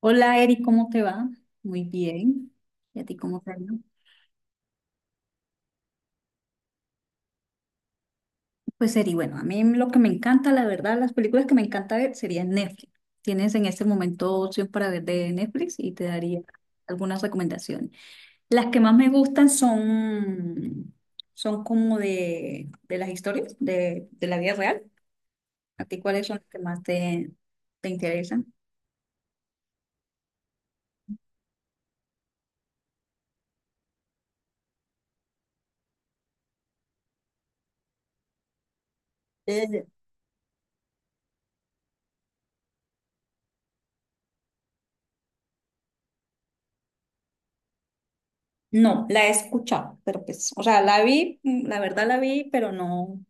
Hola Eri, ¿cómo te va? Muy bien. ¿Y a ti cómo te va? Pues Eri, bueno, a mí lo que me encanta, la verdad, las películas que me encanta ver serían Netflix. Tienes en este momento opción para ver de Netflix y te daría algunas recomendaciones. Las que más me gustan son como de las historias de la vida real. ¿A ti cuáles son las que más te interesan? Eh, No, la he escuchado, pero pues, o sea, la vi, la verdad la vi, pero no.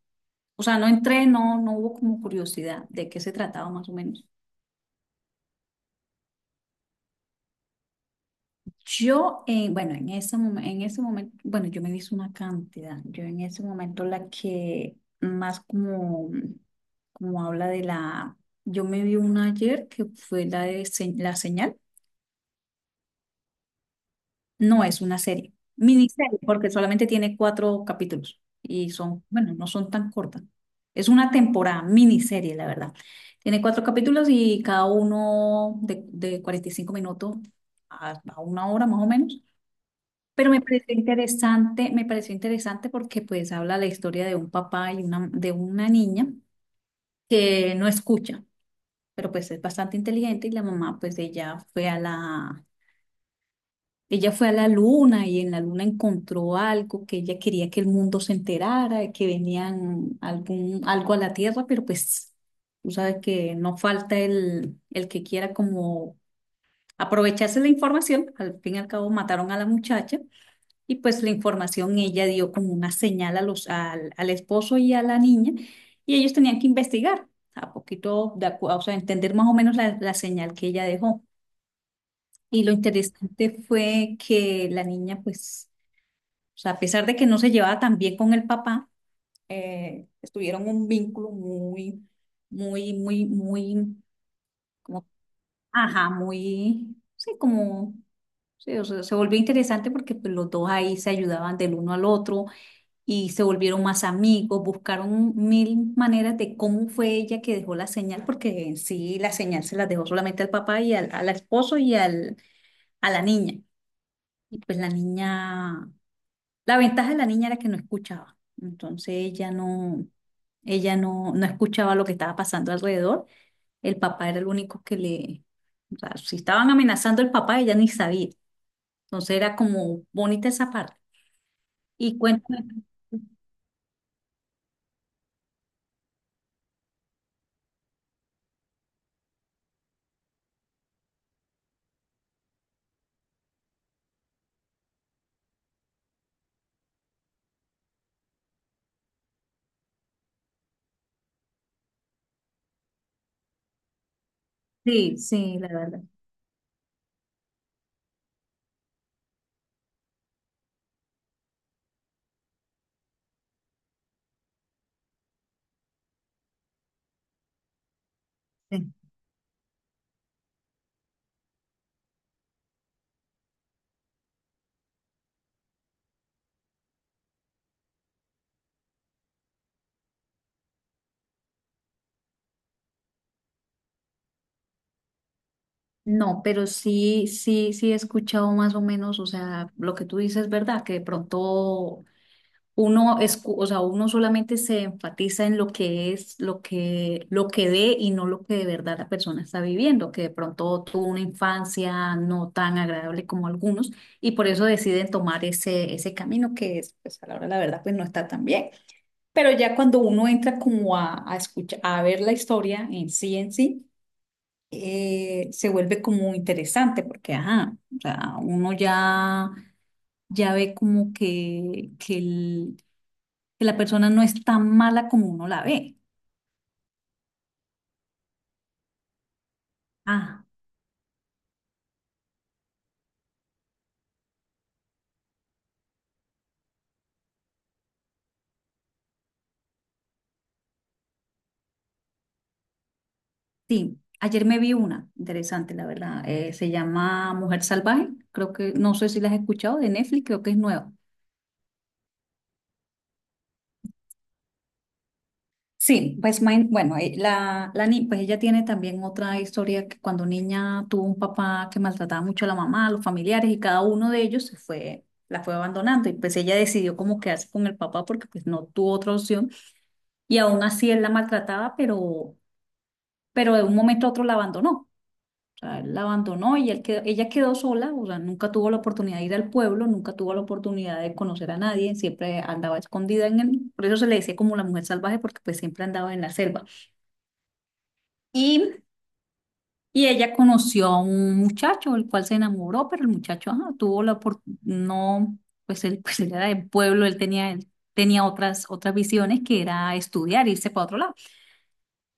O sea, no entré, no hubo como curiosidad de qué se trataba más o menos. Yo, bueno, en ese momento, bueno, yo me hice una cantidad. Yo en ese momento la que más como, como habla yo me vi una ayer que fue la la señal. No es una serie, miniserie, porque solamente tiene cuatro capítulos y son, bueno, no son tan cortas. Es una temporada, miniserie, la verdad. Tiene cuatro capítulos y cada uno de 45 minutos a una hora más o menos. Pero me pareció interesante porque pues habla la historia de un papá y de una niña que no escucha, pero pues es bastante inteligente y la mamá pues Ella fue a la luna y en la luna encontró algo que ella quería que el mundo se enterara, que venían algo a la Tierra, pero pues tú sabes que no falta el que quiera como aprovecharse la información. Al fin y al cabo mataron a la muchacha y pues la información ella dio como una señal a al esposo y a la niña y ellos tenían que investigar a poquito, o sea, entender más o menos la señal que ella dejó. Y lo interesante fue que la niña pues, o sea, a pesar de que no se llevaba tan bien con el papá, estuvieron un vínculo muy, muy, muy, muy, como, ajá, muy, sí, como, sí, o sea, se volvió interesante porque pues, los dos ahí se ayudaban del uno al otro y se volvieron más amigos, buscaron mil maneras de cómo fue ella que dejó la señal, porque en sí la señal se la dejó solamente al papá y al esposo y a la niña. Y pues La ventaja de la niña era que no escuchaba, entonces ella no, no escuchaba lo que estaba pasando alrededor. El papá era el único o sea, si estaban amenazando el papá, ella ni sabía. Entonces era como bonita esa parte. Y cuéntame, sí, sí, la verdad. No, pero sí, sí, sí he escuchado más o menos, o sea, lo que tú dices, ¿verdad? Que de pronto, o sea, uno solamente se enfatiza en lo que es, lo que ve y no lo que de verdad la persona está viviendo, que de pronto tuvo una infancia no tan agradable como algunos y por eso deciden tomar ese camino que es, pues a la hora de la verdad, pues no está tan bien. Pero ya cuando uno entra como a escuchar, a ver la historia en sí, se vuelve como interesante porque, ajá, o sea, uno ya ve como que la persona no es tan mala como uno la ve. Ah, sí, ayer me vi una interesante, la verdad. Se llama Mujer Salvaje. Creo que, no sé si la has escuchado de Netflix, creo que es nueva. Sí, pues bueno, la, la ni- pues ella tiene también otra historia que cuando niña tuvo un papá que maltrataba mucho a la mamá, a los familiares y cada uno de ellos se fue, la fue abandonando y pues ella decidió como quedarse con el papá porque pues no tuvo otra opción y aún así él la maltrataba, pero de un momento a otro la abandonó. O sea, él la abandonó y ella quedó sola, o sea, nunca tuvo la oportunidad de ir al pueblo, nunca tuvo la oportunidad de conocer a nadie, siempre andaba escondida en el, por eso se le decía como la mujer salvaje, porque pues siempre andaba en la selva. Y, y ella conoció a un muchacho, el cual se enamoró, pero el muchacho, ajá, tuvo la oportunidad, no, pues él era del pueblo, él tenía otras visiones que era estudiar, irse para otro lado.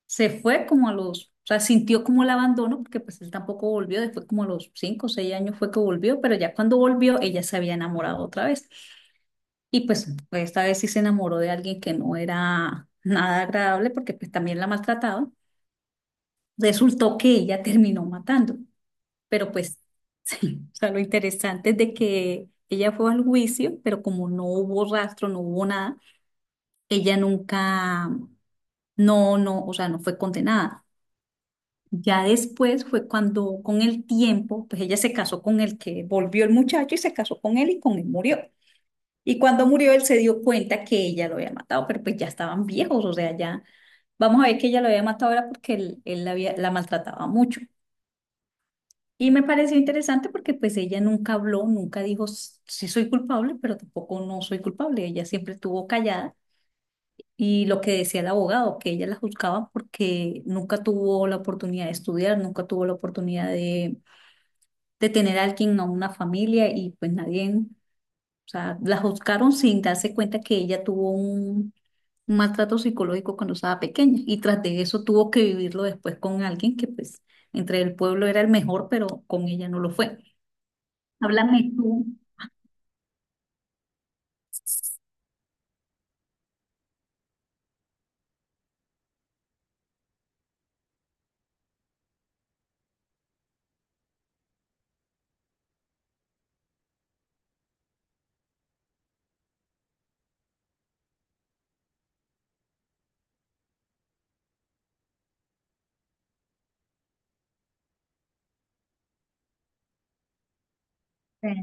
Se fue como o sea, sintió como el abandono, porque pues él tampoco volvió, después como a los 5 o 6 años fue que volvió, pero ya cuando volvió ella se había enamorado otra vez. Y pues, esta vez sí se enamoró de alguien que no era nada agradable, porque pues también la maltrataba. Resultó que ella terminó matando, pero pues sí, o sea, lo interesante es de que ella fue al juicio, pero como no hubo rastro, no hubo nada, ella nunca, no, no, o sea, no fue condenada. Ya después fue cuando con el tiempo, pues ella se casó con el que volvió el muchacho y se casó con él y con él murió. Y cuando murió él se dio cuenta que ella lo había matado, pero pues ya estaban viejos, o sea, ya vamos a ver que ella lo había matado era porque él la maltrataba mucho. Y me pareció interesante porque pues ella nunca habló, nunca dijo, Sí, soy culpable, pero tampoco no soy culpable". Ella siempre estuvo callada. Y lo que decía el abogado, que ella la juzgaba porque nunca tuvo la oportunidad de estudiar, nunca tuvo la oportunidad de tener a alguien, a una familia, y pues nadie, o sea, la juzgaron sin darse cuenta que ella tuvo un maltrato psicológico cuando estaba pequeña, y tras de eso tuvo que vivirlo después con alguien que pues entre el pueblo era el mejor, pero con ella no lo fue. Háblame tú. eh,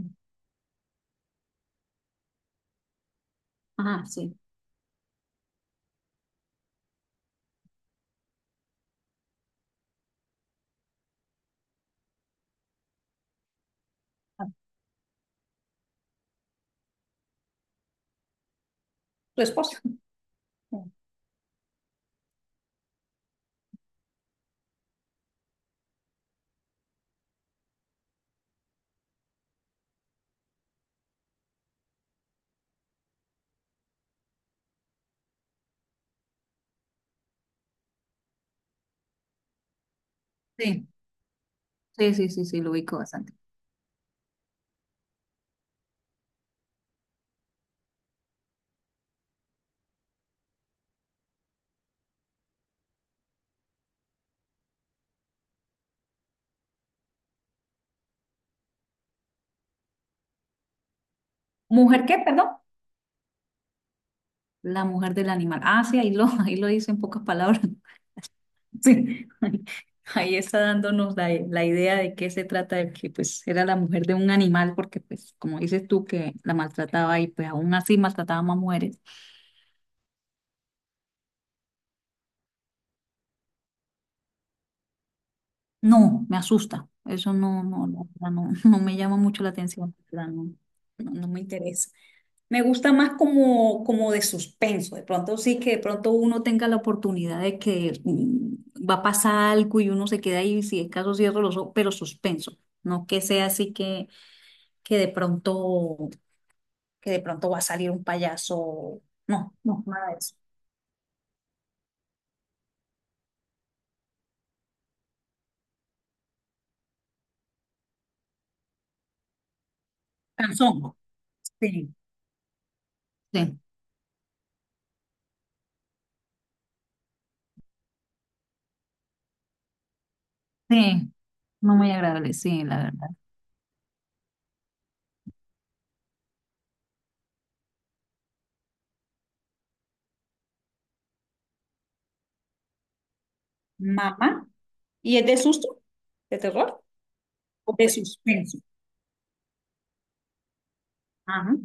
Ah, sí. Ah, tu esposa. Sí, sí, sí, sí, sí, lo ubico bastante. ¿Mujer qué, perdón? La mujer del animal. Ah, sí, ahí lo dice en pocas palabras. Sí, ahí está dándonos la idea de qué se trata, de que pues era la mujer de un animal, porque pues como dices tú que la maltrataba y pues aún así maltrataba más mujeres. No, me asusta. Eso no, no, no, la verdad, no, no me llama mucho la atención, la verdad, no, no, no me interesa. Me gusta más como de suspenso. De pronto sí que de pronto uno tenga la oportunidad de que va a pasar algo y uno se queda ahí, si es caso cierro los ojos, pero suspenso. No que sea así que de pronto, va a salir un payaso. No, no, nada de eso. Canzón. Sí, sí, sí. No muy agradable, sí, la verdad. Mamá. ¿Y es de susto? ¿De terror? ¿O de suspenso? Ajá.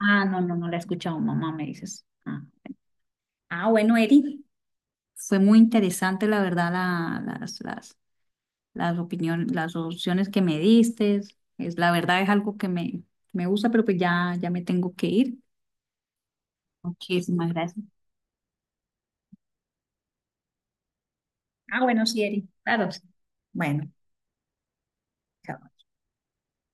Ah, no, no, no la he escuchado, mamá, me dices. Ah. Ah, bueno, Eri. Fue muy interesante, la verdad, las opiniones, las opciones que me diste. La verdad es algo que me gusta, pero pues ya, ya me tengo que ir. Muchísimas gracias. Ah, bueno, sí, Eri. Claro. Sí. Bueno, chao.